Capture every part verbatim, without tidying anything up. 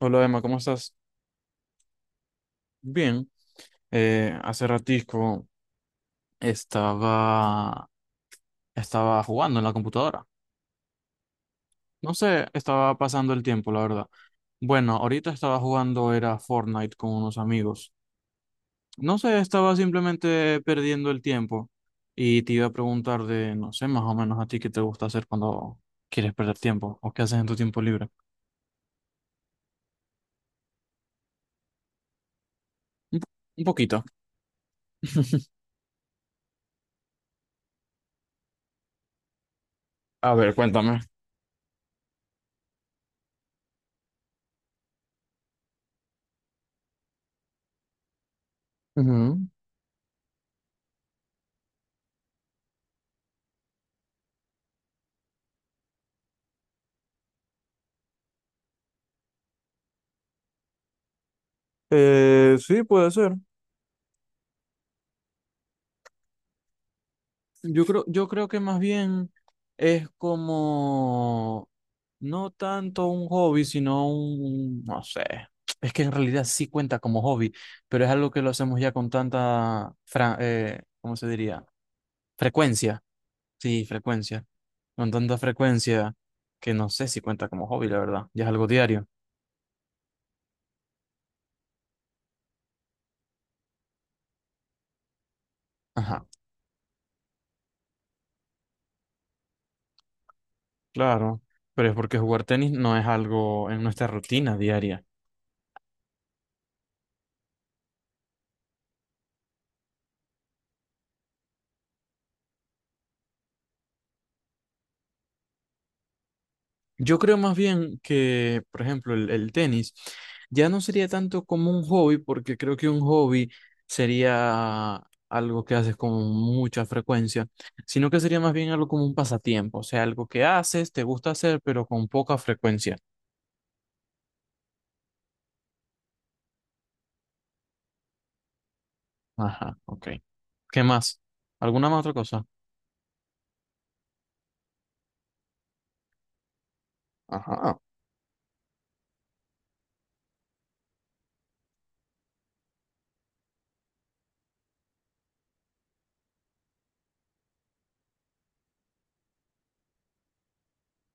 Hola Emma, ¿cómo estás? Bien. Eh, hace ratisco estaba, estaba jugando en la computadora. No sé, estaba pasando el tiempo, la verdad. Bueno, ahorita estaba jugando, era Fortnite con unos amigos. No sé, estaba simplemente perdiendo el tiempo. Y te iba a preguntar de, no sé, más o menos a ti qué te gusta hacer cuando quieres perder tiempo o qué haces en tu tiempo libre. Un, po- un poquito. A ver, cuéntame. Ujú. Eh, sí, puede ser. Yo creo, yo creo que más bien es como no tanto un hobby, sino un, no sé, es que en realidad sí cuenta como hobby, pero es algo que lo hacemos ya con tanta, fra- eh, ¿cómo se diría? Frecuencia, sí, frecuencia, con tanta frecuencia que no sé si cuenta como hobby, la verdad, ya es algo diario. Ajá, claro, pero es porque jugar tenis no es algo en nuestra rutina diaria. Yo creo más bien que, por ejemplo, el, el tenis ya no sería tanto como un hobby, porque creo que un hobby sería algo que haces con mucha frecuencia, sino que sería más bien algo como un pasatiempo, o sea, algo que haces, te gusta hacer, pero con poca frecuencia. Ajá, ok. ¿Qué más? ¿Alguna más otra cosa? Ajá.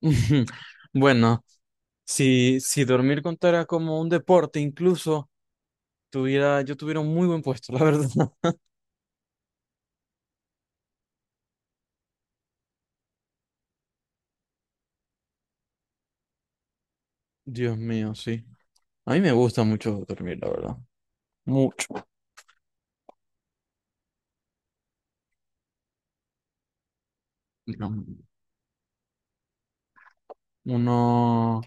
Bueno. Si, si dormir contara como un deporte, incluso tuviera, yo tuviera un muy buen puesto, la verdad. Dios mío, sí. A mí me gusta mucho dormir, la verdad. Mucho. No, uno,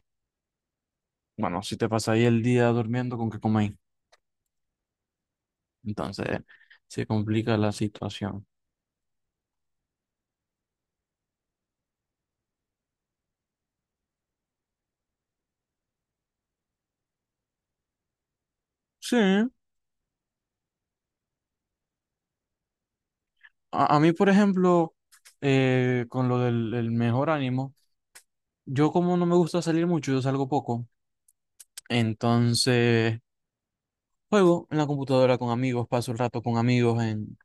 bueno, si te pasa ahí el día durmiendo, ¿con qué coméis? Entonces, se complica la situación. Sí, a, a mí, por ejemplo, eh, con lo del el mejor ánimo, yo como no me gusta salir mucho, yo salgo poco. Entonces, juego en la computadora con amigos, paso el rato con amigos en,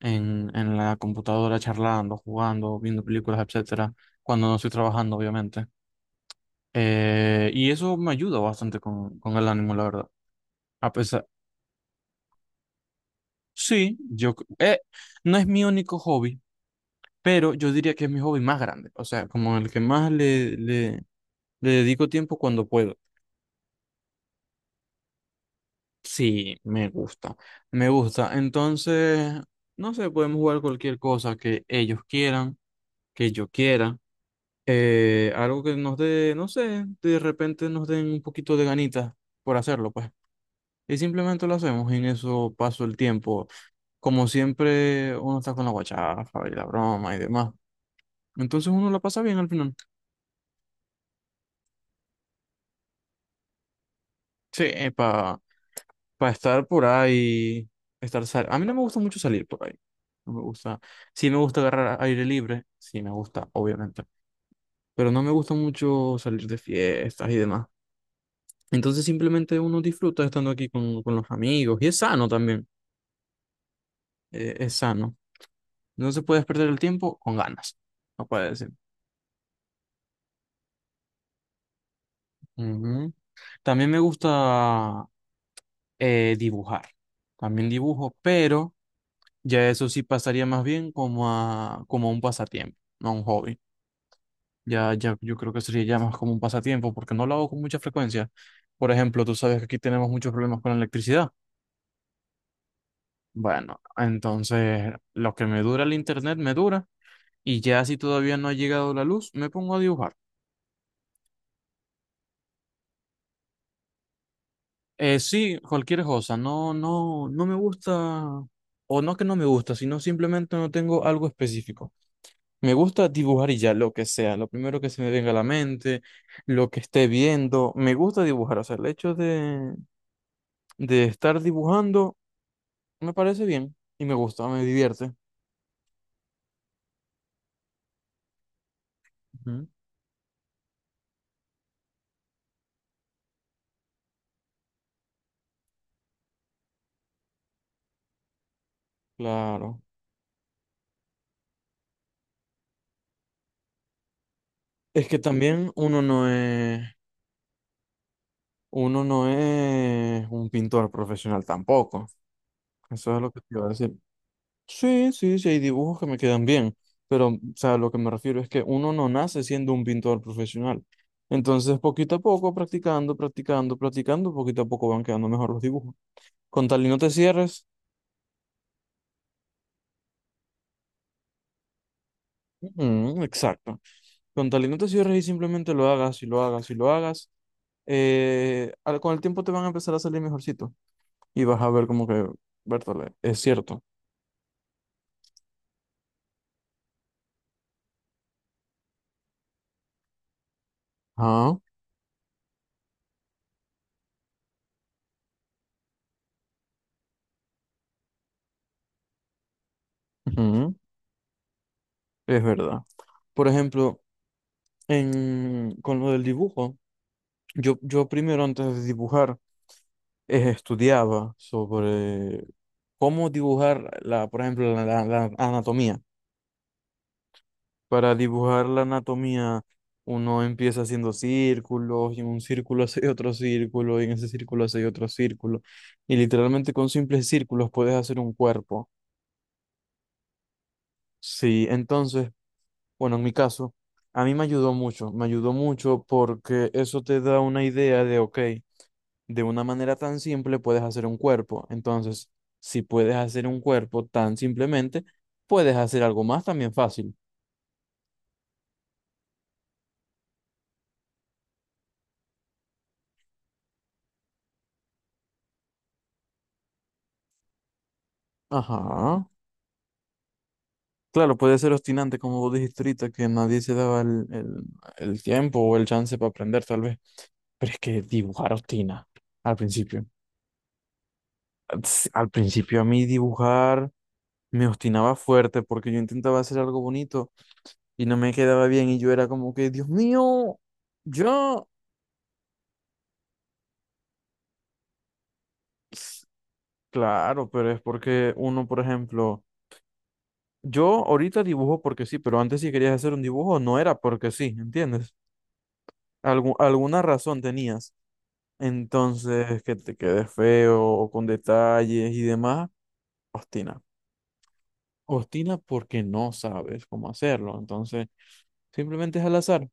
en la computadora charlando, jugando, viendo películas, etcétera, cuando no estoy trabajando, obviamente. Eh, y eso me ayuda bastante con, con el ánimo, la verdad. A pesar, sí, yo, c- eh, No es mi único hobby, pero yo diría que es mi hobby más grande, o sea, como el que más le, le, le dedico tiempo cuando puedo. Sí, me gusta, me gusta. Entonces, no sé, podemos jugar cualquier cosa que ellos quieran, que yo quiera. Eh, algo que nos dé, no sé, de repente nos den un poquito de ganitas por hacerlo, pues. Y simplemente lo hacemos, y en eso paso el tiempo. Como siempre, uno está con la guachafa y la broma y demás. Entonces uno la pasa bien al final. Sí, para estar por ahí, estar sal a mí no me gusta mucho salir por ahí. No me gusta. Sí me gusta agarrar aire libre, sí me gusta, obviamente. Pero no me gusta mucho salir de fiestas y demás. Entonces simplemente uno disfruta estando aquí con, con los amigos y es sano también, eh, es sano. No se puede perder el tiempo con ganas, no puede decir. Ujú. También me gusta eh, dibujar, también dibujo, pero ya eso sí pasaría más bien como a, como a un pasatiempo, no a un hobby. Ya, ya, yo creo que sería ya más como un pasatiempo porque no lo hago con mucha frecuencia. Por ejemplo, tú sabes que aquí tenemos muchos problemas con la electricidad. Bueno, entonces lo que me dura el internet me dura. Y ya si todavía no ha llegado la luz, me pongo a dibujar. Eh, sí, cualquier cosa. No, no, no me gusta, o no que no me gusta, sino simplemente no tengo algo específico. Me gusta dibujar y ya, lo que sea, lo primero que se me venga a la mente, lo que esté viendo. Me gusta dibujar, o sea, el hecho de, de estar dibujando me parece bien y me gusta, me divierte. Ujú. Claro. Es que también uno no es. Uno no es un pintor profesional tampoco. Eso es lo que te iba a decir. Sí, sí, sí, hay dibujos que me quedan bien, pero, o sea, lo que me refiero es que uno no nace siendo un pintor profesional. Entonces, poquito a poco, practicando, practicando, practicando, poquito a poco van quedando mejor los dibujos. Con tal y no te cierres, ujú, exacto. Con tal y no te cierres y simplemente lo hagas y lo hagas y lo hagas, eh, al- con el tiempo te van a empezar a salir mejorcito y vas a ver como que, Bertole, es cierto. Ah. Ujú. Es verdad. Por ejemplo, en, con lo del dibujo, yo, yo primero antes de dibujar eh, estudiaba sobre cómo dibujar, la, por ejemplo, la, la- la anatomía. Para dibujar la anatomía, uno empieza haciendo círculos y en un círculo hace otro círculo y en ese círculo hace otro círculo. Y literalmente con simples círculos puedes hacer un cuerpo. Sí, entonces... Bueno, en mi caso, a mí me ayudó mucho, me ayudó mucho porque eso te da una idea de, ok, de una manera tan simple puedes hacer un cuerpo. Entonces, si puedes hacer un cuerpo tan simplemente, puedes hacer algo más también fácil. Ajá. Claro, puede ser obstinante, como vos dijiste ahorita, que nadie se daba el, el, el tiempo o el chance para aprender, tal vez. Pero es que dibujar obstina al principio. Ats- Al principio a mí dibujar me obstinaba fuerte porque yo intentaba hacer algo bonito y no me quedaba bien y yo era como que, Dios mío, yo, Ps, claro, pero es porque uno, por ejemplo, yo ahorita dibujo porque sí, pero antes si querías hacer un dibujo no era porque sí, ¿entiendes? Algu- alguna razón tenías. Entonces, que te quedes feo, o con detalles y demás, ostina. Ostina porque no sabes cómo hacerlo, entonces simplemente es al azar.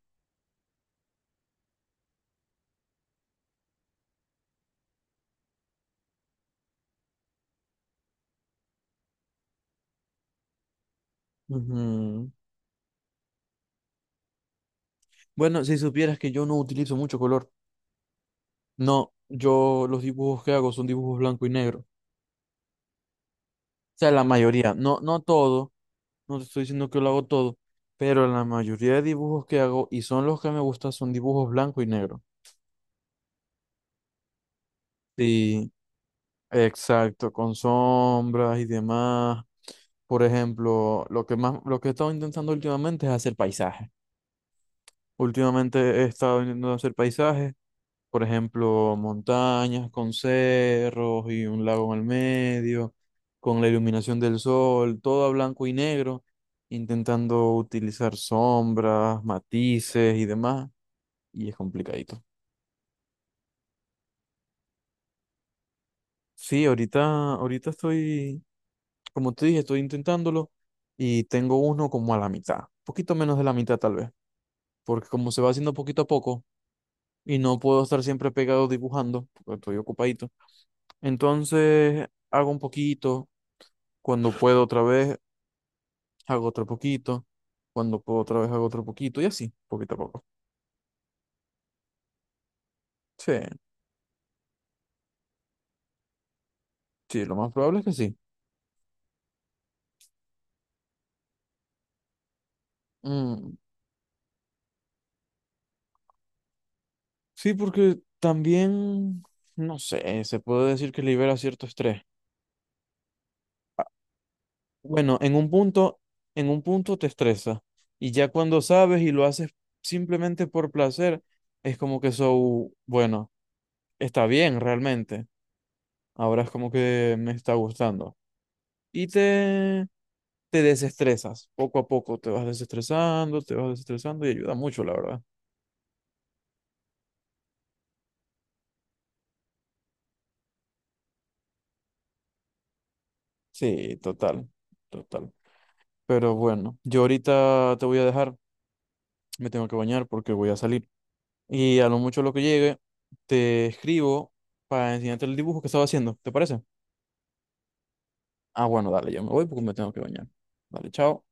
Ujú. Bueno, si supieras que yo no utilizo mucho color. No, yo los dibujos que hago son dibujos blanco y negro. O sea, la mayoría, no, no todo, no te estoy diciendo que lo hago todo, pero la mayoría de dibujos que hago y son los que me gustan son dibujos blanco y negro. Sí, exacto, con sombras y demás. Por ejemplo, lo que más, lo que he estado intentando últimamente es hacer paisajes. Últimamente he estado intentando hacer paisajes, por ejemplo, montañas con cerros y un lago en el medio, con la iluminación del sol, todo a blanco y negro, intentando utilizar sombras, matices y demás, y es complicadito. Sí, ahorita, ahorita estoy, como te dije, estoy intentándolo y tengo uno como a la mitad, poquito menos de la mitad tal vez, porque como se va haciendo poquito a poco, y no puedo estar siempre pegado dibujando porque estoy ocupadito. Entonces hago un poquito, cuando puedo otra vez hago otro poquito, cuando puedo otra vez hago otro poquito y así, poquito a poco. Sí, sí, lo más probable es que sí. Mm, sí, porque también, no sé, se puede decir que libera cierto estrés. Bueno, en un punto, en un punto te estresa y ya cuando sabes y lo haces simplemente por placer, es como que eso, bueno, está bien realmente. Ahora es como que me está gustando. Y te, Te desestresas. Poco a poco te vas desestresando, te vas desestresando y ayuda mucho, la verdad. Sí, total, total. Pero bueno, yo ahorita te voy a dejar. Me tengo que bañar porque voy a salir. Y a lo mucho lo que llegue, te escribo para enseñarte el dibujo que estaba haciendo. ¿Te parece? Ah, bueno, dale, yo me voy porque me tengo que bañar. Dale, chao.